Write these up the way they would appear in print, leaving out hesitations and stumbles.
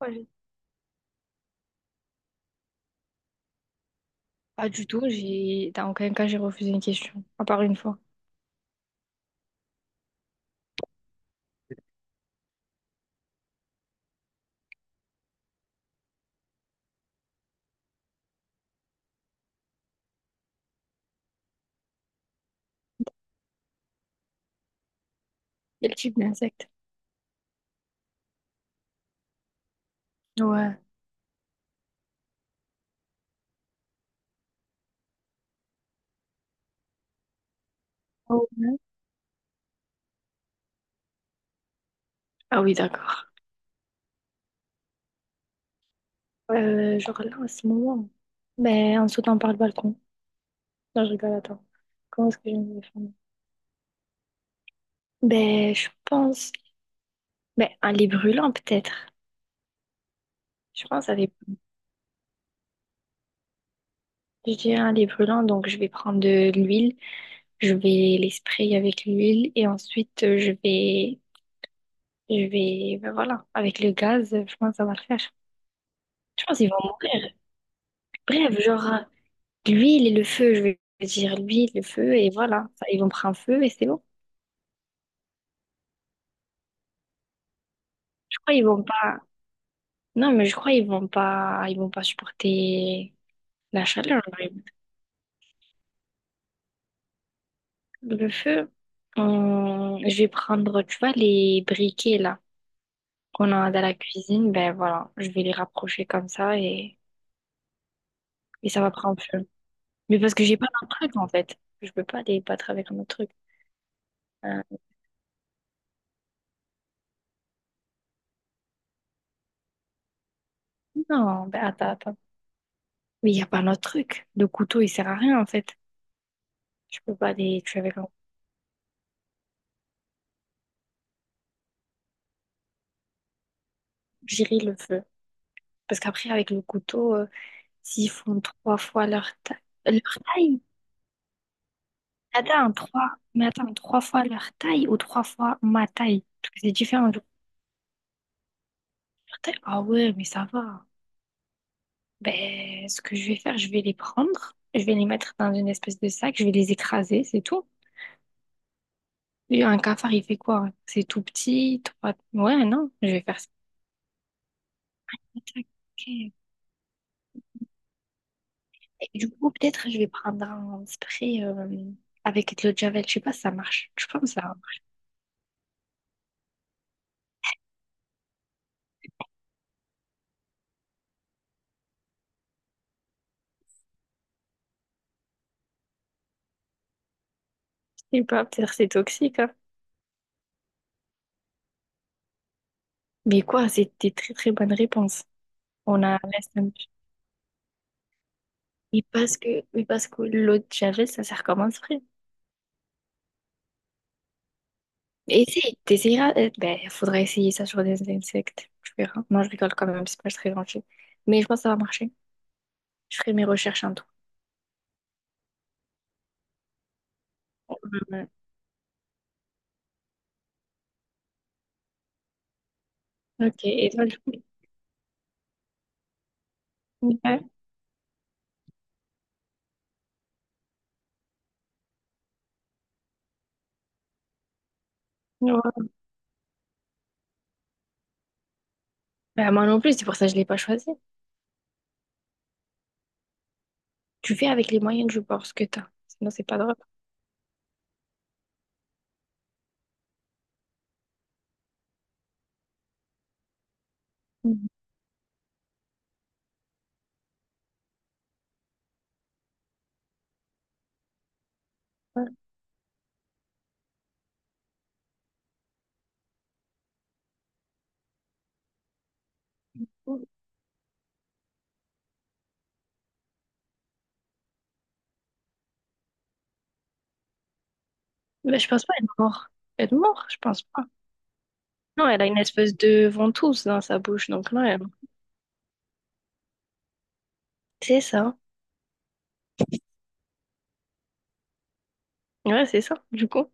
Ouais, j'ai- Pas du tout, j'ai... dans aucun cas j'ai refusé une question, à part une fois. Quel type d'insecte? Ouais. Oh, ouais. Ah oui, d'accord. Genre là, en ce moment, ben, en sautant par le balcon. Non, je rigole, attends. Comment est-ce que je me défendre? Ben, je pense... Ben, un lait brûlant, peut-être. Je pense avec... Je dirais un lait brûlant, donc je vais prendre de l'huile, je vais les sprayer avec l'huile, et ensuite, je vais... Je vais... Ben voilà, avec le gaz, je pense que ça va le faire. Je pense qu'ils vont mourir. Bref, genre... L'huile et le feu, je veux dire l'huile, le feu, et voilà. Ça, ils vont prendre feu et c'est bon. Je crois qu'ils vont pas. Non, mais je crois qu'ils vont pas. Ils vont pas supporter la chaleur. Le feu. Je vais prendre, tu vois, les briquets là qu'on a dans la cuisine. Ben voilà, je vais les rapprocher comme ça, et ça va prendre feu. Mais parce que j'ai pas notre truc en fait. Je peux pas les battre avec un autre truc. Euh, non, ben attends. Mais il y a pas notre truc. Le couteau, il sert à rien en fait. Je peux pas les tuer avec un. J'irai le feu. Parce qu'après, avec le couteau, s'ils font trois fois leur taille. Leur taille? Attends, trois. Mais attends, trois fois leur taille ou trois fois ma taille? Parce que c'est différent. De leur taille. Ah ouais, mais ça va. Ben, ce que je vais faire, je vais les prendre. Je vais les mettre dans une espèce de sac. Je vais les écraser, c'est tout. Et un cafard, il fait quoi? C'est tout petit, trois... Ouais, non, je vais faire ça. Ok. Et du coup, peut-être, je vais prendre un spray avec de l'eau de Javel. Je sais pas si ça marche. Je pense que ça marche. Je sais pas, peut-être c'est toxique, hein. Mais quoi, c'était très très bonne réponse. On a l'instinct. Oui parce que, oui parce que l'eau de Javel, ça sert comme un spray. Essaye, t'essayeras. Ben, il faudra essayer ça sur des insectes. Tu verras. Non, je rigole quand même, c'est pas très gentil. Mais je pense que ça va marcher. Je ferai mes recherches en tout. Ouais. Ok, et toi, du coup? Ouais. Ouais. Ben, moi non plus, c'est pour ça que je l'ai pas choisi. Tu fais avec les moyens du bord ce que t'as. Sinon, c'est pas drôle. Mhm. Ouais. Ben, je pense pas être mort. Être mort, je pense pas. Non, elle a une espèce de ventouse dans sa bouche, donc non, elle... C'est ça. Ouais, c'est ça, du coup.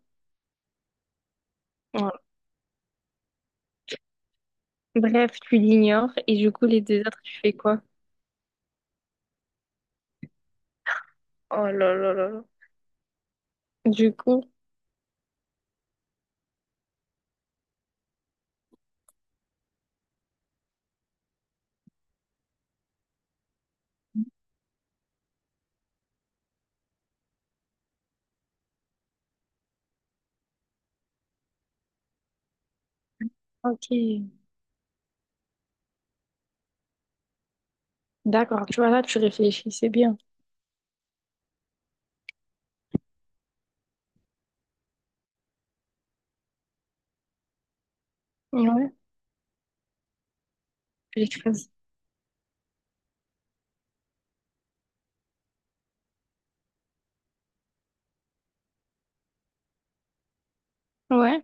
Voilà. Bref, tu l'ignores, et du coup, les deux autres, tu fais quoi? Oh là là là là. Du coup, ok. D'accord, tu vois, là, tu réfléchis, c'est bien. Ouais, tu l'écrases. Ouais,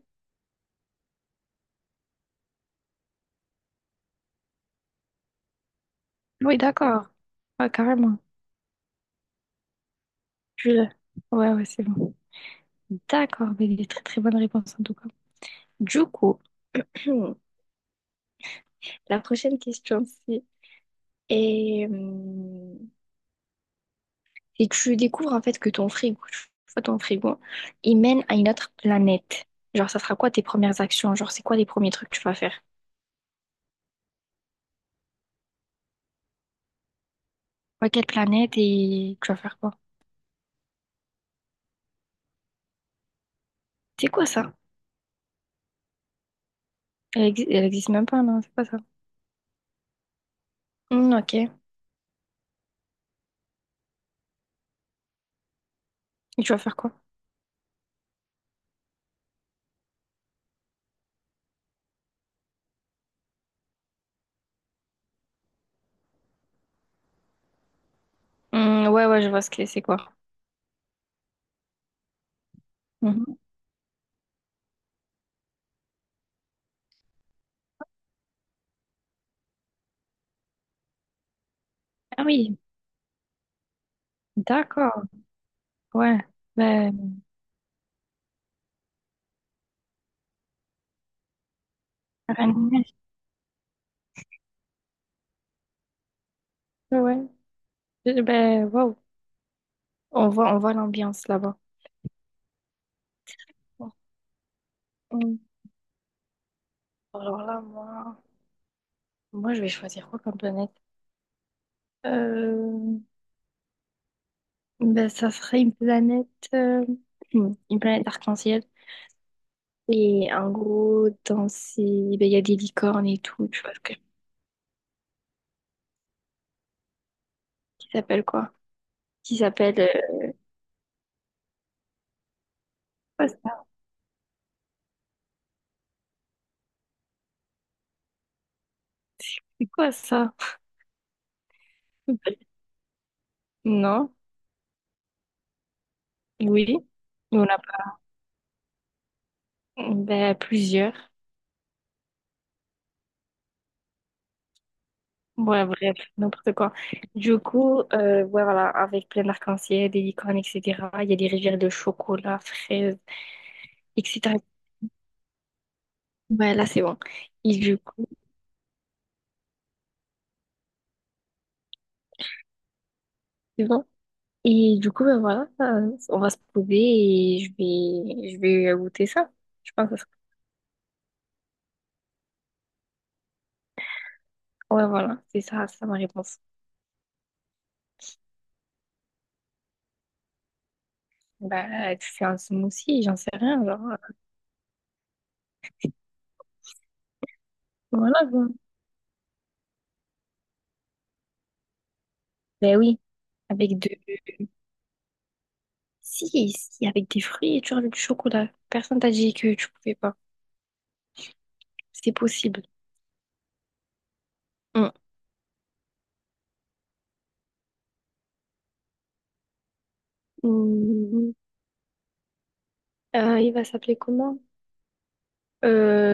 oui, d'accord. Ouais, carrément. Tu l'as. Ouais, ouais, c'est bon. D'accord, mais il est très très bonne réponse en tout cas. Du coup, la prochaine question, c'est... Et... et tu découvres en fait que ton frigo, tu vois, ton frigo, il mène à une autre planète. Genre, ça sera quoi tes premières actions? Genre, c'est quoi les premiers trucs que tu vas faire? À quelle planète et tu vas faire quoi? C'est quoi ça? Elle existe même pas, non, c'est pas ça. Hmm, ok. Et tu vas faire quoi? Hmm, ouais, ouais, je vois ce que c'est quoi. Mhm. Ah oui, d'accord. Ouais. Ben, rien de neige, ouais. Ben, waouh. On voit l'ambiance là-bas. Hmm. Alors là, moi, moi, je vais choisir quoi comme planète? Euh, Ben, ça serait une planète, euh, une planète arc-en-ciel. Et en gros, dans ces, ben, il y a des licornes et tout. Tu vois ce que, qui s'appelle quoi? Qui s'appelle. Quoi ça? C'est quoi ça? Non? Oui? On a pas. Ben, plusieurs. Ouais, bref, n'importe quoi. Du coup, ouais, voilà, avec plein d'arc-en-ciel, des licornes, etc. Il y a des rivières de chocolat, fraises, etc. Ouais, là, c'est bon. Et du coup, c'est bon. Et du coup, ben voilà, on va se trouver et je vais goûter ça. Je pense que ça- ouais, voilà, c'est ça ma réponse. Bah, tu fais un smoothie, j'en sais rien, genre, voilà, quoi. Ben oui, avec de, si, si, avec des fruits et tu rajoutes du chocolat. Personne t'a dit que tu pouvais pas. C'est possible. Mm. Mm. Il va s'appeler comment? Euh,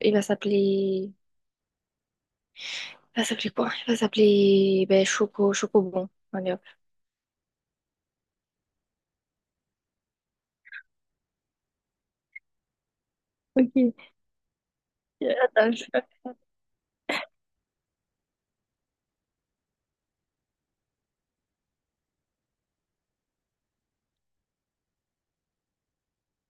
il va s'appeler, il Il va s'appeler, ben, Choco, Chocobon. Allez, hop. Ok. Attends,